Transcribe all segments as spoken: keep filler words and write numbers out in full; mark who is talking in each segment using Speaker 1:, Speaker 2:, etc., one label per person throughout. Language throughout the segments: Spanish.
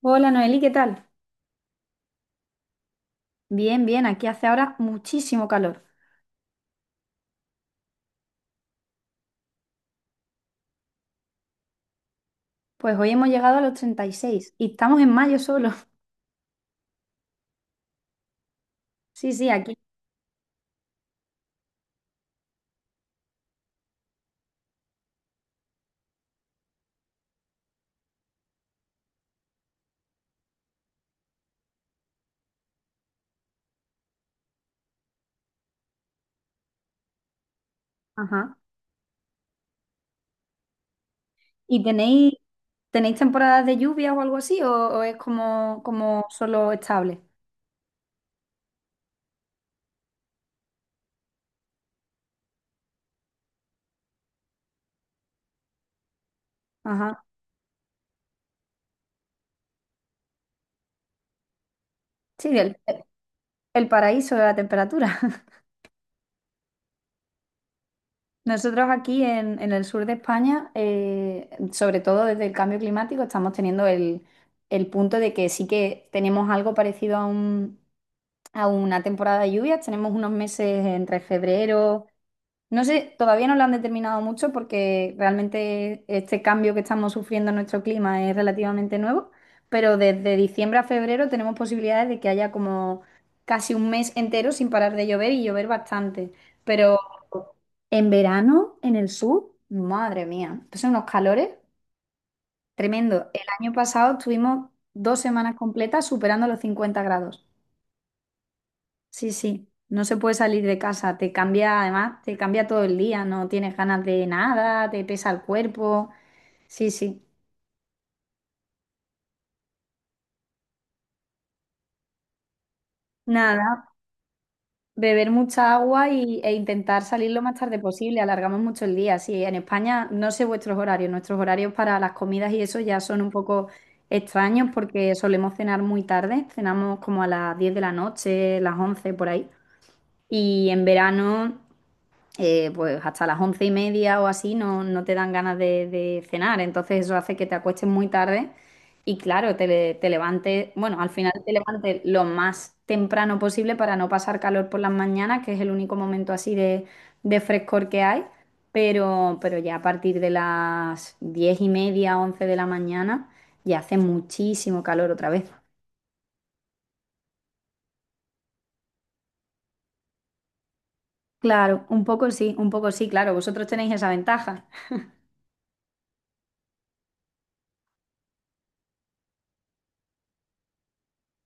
Speaker 1: Hola Noeli, ¿qué tal? Bien, bien, aquí hace ahora muchísimo calor. Pues hoy hemos llegado a los treinta y seis y seis y estamos en mayo solo. Sí, sí, aquí. Ajá. ¿Y tenéis, tenéis temporadas de lluvia o algo así o, o es como, como solo estable? Ajá. Sí, el, el paraíso de la temperatura. Nosotros aquí en, en el sur de España, eh, sobre todo desde el cambio climático, estamos teniendo el, el punto de que sí que tenemos algo parecido a un, a una temporada de lluvias. Tenemos unos meses entre febrero. No sé, todavía no lo han determinado mucho porque realmente este cambio que estamos sufriendo en nuestro clima es relativamente nuevo, pero desde diciembre a febrero tenemos posibilidades de que haya como casi un mes entero sin parar de llover y llover bastante. Pero en verano, en el sur, madre mía, son unos calores tremendo. El año pasado estuvimos dos semanas completas superando los cincuenta grados. Sí, sí, no se puede salir de casa, te cambia, además, te cambia todo el día, no tienes ganas de nada, te pesa el cuerpo, sí, sí. Nada, beber mucha agua y, e intentar salir lo más tarde posible, alargamos mucho el día, sí, en España no sé vuestros horarios, nuestros horarios para las comidas y eso ya son un poco extraños porque solemos cenar muy tarde, cenamos como a las diez de la noche, las once por ahí, y en verano... eh, pues hasta las once y media o así no, no te dan ganas de, de cenar. Entonces eso hace que te acuestes muy tarde y claro, te, le- te levantes, bueno, al final te levantes lo más temprano posible para no pasar calor por las mañanas, que es el único momento así de, de frescor que hay. Pero, pero ya a partir de las diez y media, once de la mañana, ya hace muchísimo calor otra vez. Claro, un poco sí, un poco sí, claro, vosotros tenéis esa ventaja.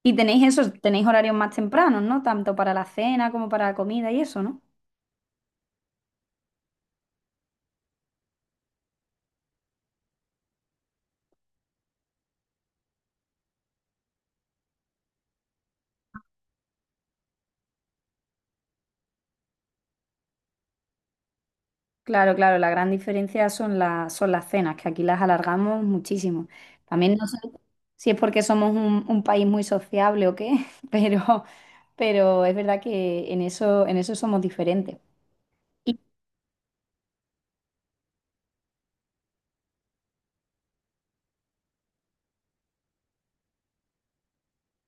Speaker 1: Y tenéis eso, tenéis horarios más tempranos, ¿no? Tanto para la cena como para la comida y eso, ¿no? Claro, claro, la gran diferencia son, la- son las cenas, que aquí las alargamos muchísimo. También no sé si es porque somos un, un país muy sociable o qué, pero, pero es verdad que en eso, en eso somos diferentes. Y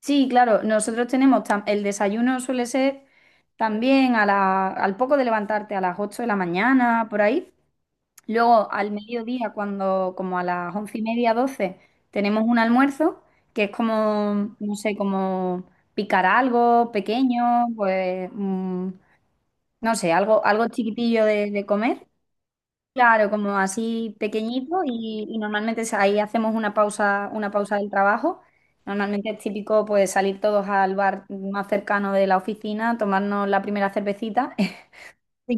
Speaker 1: sí, claro, nosotros tenemos, tam- el desayuno suele ser también a la- al poco de levantarte a las ocho de la mañana, por ahí. Luego, al mediodía, cuando, como a las once y media, doce, tenemos un almuerzo que es como, no sé, como picar algo pequeño, pues, mm, no sé, algo, algo chiquitillo de, de comer. Claro, como así pequeñito y, y normalmente es ahí hacemos una pausa, una pausa del trabajo. Normalmente es típico pues salir todos al bar más cercano de la oficina, tomarnos la primera cervecita. Así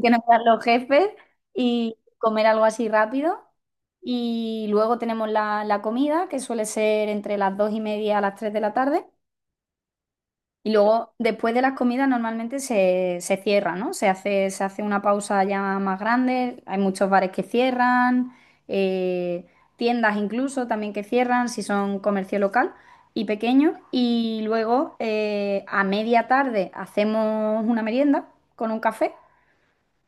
Speaker 1: que nos quedan los jefes y comer algo así rápido. Y luego tenemos la, la comida, que suele ser entre las dos y media a las tres de la tarde. Y luego, después de las comidas, normalmente se, se cierra, ¿no? Se hace, se hace una pausa ya más grande. Hay muchos bares que cierran, eh, tiendas incluso también que cierran, si son comercio local y pequeño. Y luego, eh, a media tarde, hacemos una merienda con un café,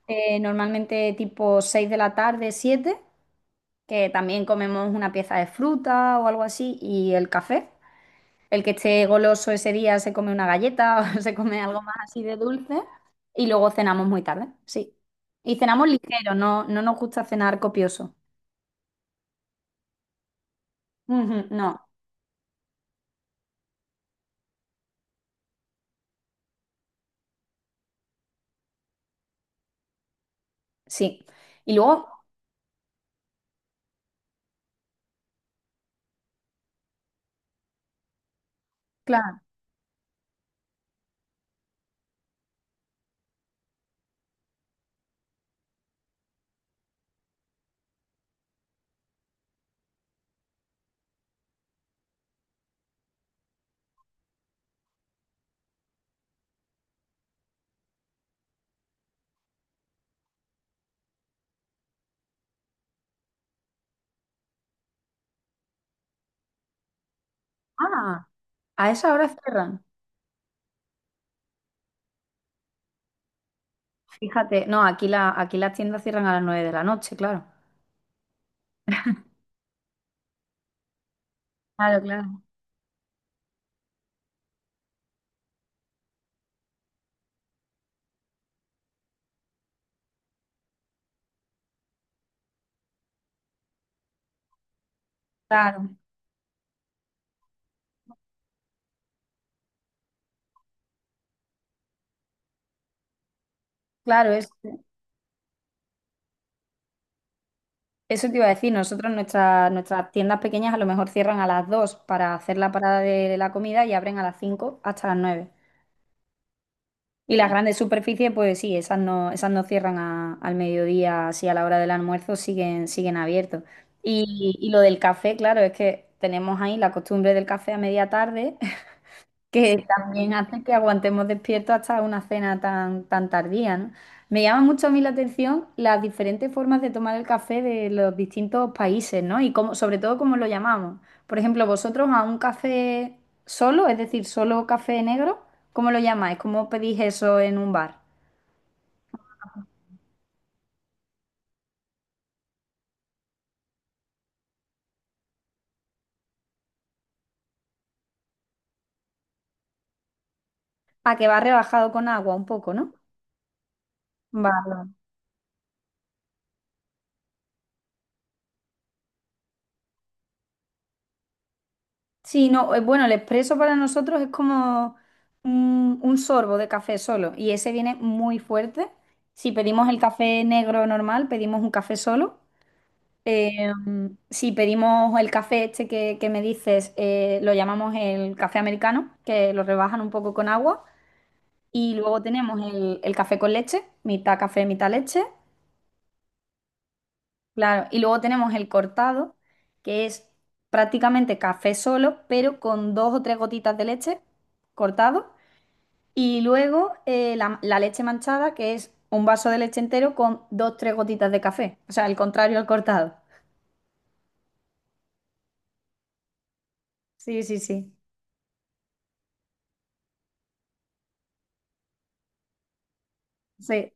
Speaker 1: eh, normalmente tipo seis de la tarde, siete, que también comemos una pieza de fruta o algo así, y el café. El que esté goloso ese día se come una galleta o se come algo más así de dulce, y luego cenamos muy tarde, sí. Y cenamos ligero, no, no nos gusta cenar copioso. Ujú, no, sí. Y luego, claro, ah, a esa hora cierran. Fíjate, no, aquí la, aquí las tiendas cierran a las nueve de la noche, claro. Claro, claro. Claro, claro, es. Eso te iba a decir, nosotros nuestra- nuestras tiendas pequeñas a lo mejor cierran a las dos para hacer la parada de la comida y abren a las cinco hasta las nueve. Y las grandes superficies, pues sí, esas no, esas no cierran a- al mediodía, así a la hora del almuerzo siguen, siguen abiertos. Y, y lo del café, claro, es que tenemos ahí la costumbre del café a media tarde, que también hace que aguantemos despiertos hasta una cena tan, tan tardía, ¿no? Me llama mucho a mí la atención las diferentes formas de tomar el café de los distintos países, ¿no? Y cómo, sobre todo cómo lo llamamos. Por ejemplo, vosotros a un café solo, es decir, solo café negro, ¿cómo lo llamáis? ¿Cómo pedís eso en un bar? A que va rebajado con agua un poco, ¿no? Vale. Sí, no, eh, bueno, el expreso para nosotros es como un, un sorbo de café solo y ese viene muy fuerte. Si pedimos el café negro normal, pedimos un café solo. Eh, si pedimos el café este que, que me dices, eh, lo llamamos el café americano, que lo rebajan un poco con agua. Y luego tenemos el, el café con leche, mitad café, mitad leche. Claro, y luego tenemos el cortado, que es prácticamente café solo, pero con dos o tres gotitas de leche cortado. Y luego eh, la, la leche manchada, que es un vaso de leche entero con dos o tres gotitas de café. O sea, el contrario al cortado. Sí, sí, sí. Sí.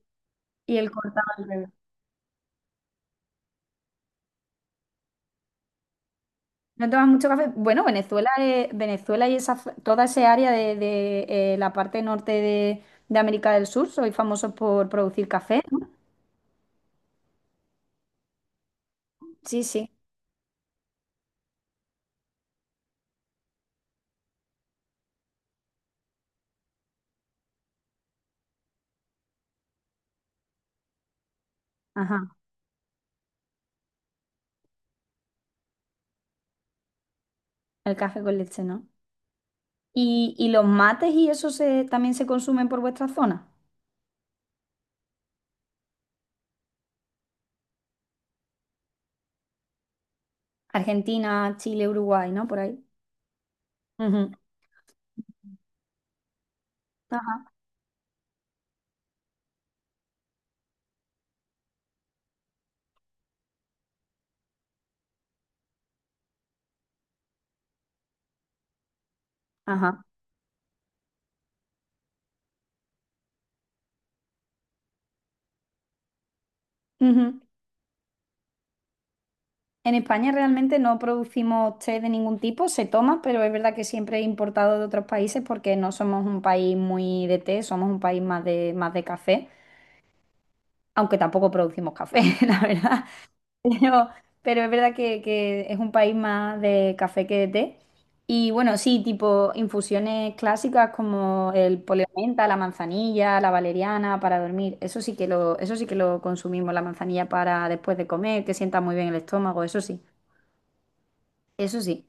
Speaker 1: Y el cortado al revés. ¿No tomas mucho café? Bueno, Venezuela, eh, Venezuela y esa, f- toda esa área de, de, eh, la parte norte de, de América del Sur, soy famosos por producir café, ¿no? Sí, sí. Ajá. El café con leche, ¿no? ¿Y, y los mates y eso se, también se consumen por vuestra zona? Argentina, Chile, Uruguay, ¿no? Por ahí. Ujú. Ajá, ajá. Ujú. En España realmente no producimos té de ningún tipo, se toma, pero es verdad que siempre he importado de otros países porque no somos un país muy de té, somos un país más de, más de café, aunque tampoco producimos café, la verdad. Pero, pero es verdad que, que es un país más de café que de té. Y bueno, sí, tipo infusiones clásicas como el poleo de menta, la manzanilla, la valeriana para dormir. Eso sí que lo, eso sí que lo consumimos, la manzanilla para después de comer, que sienta muy bien el estómago, eso sí. Eso sí.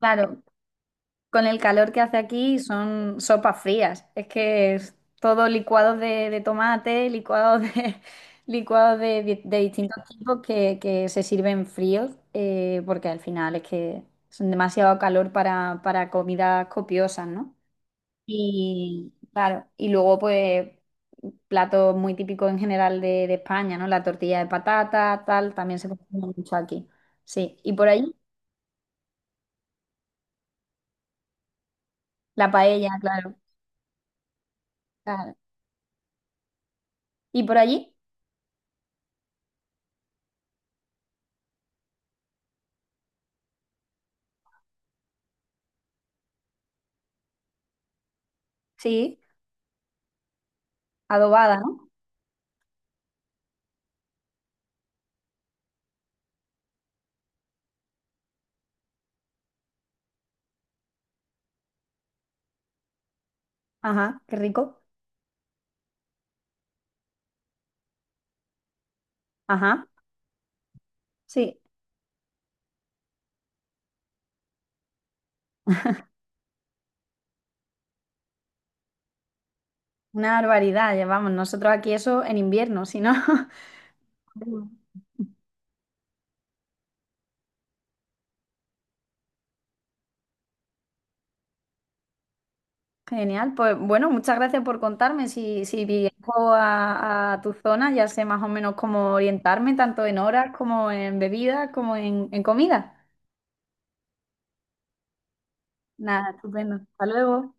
Speaker 1: Claro, con el calor que hace aquí son sopas frías. Es que es todo licuado de, de tomate, licuado de, licuado de, di- de distintos tipos que, que se sirven fríos, eh, porque al final es que son demasiado calor para, para comidas copiosas, ¿no? Y claro, y luego pues platos muy típicos en general de, de España, ¿no? La tortilla de patata, tal, también se consume mucho aquí. Sí, y por allí la paella, claro. Claro. ¿Y por allí? Sí. Adobada, ¿no? Ajá, qué rico. Ajá, sí, una barbaridad. Llevamos nosotros aquí eso en invierno, si no. Mm. Genial, pues bueno, muchas gracias por contarme. Si, si viajo a, a tu zona, ya sé más o menos cómo orientarme, tanto en horas como en bebidas, como en, en comida. Nada, estupendo. Hasta luego.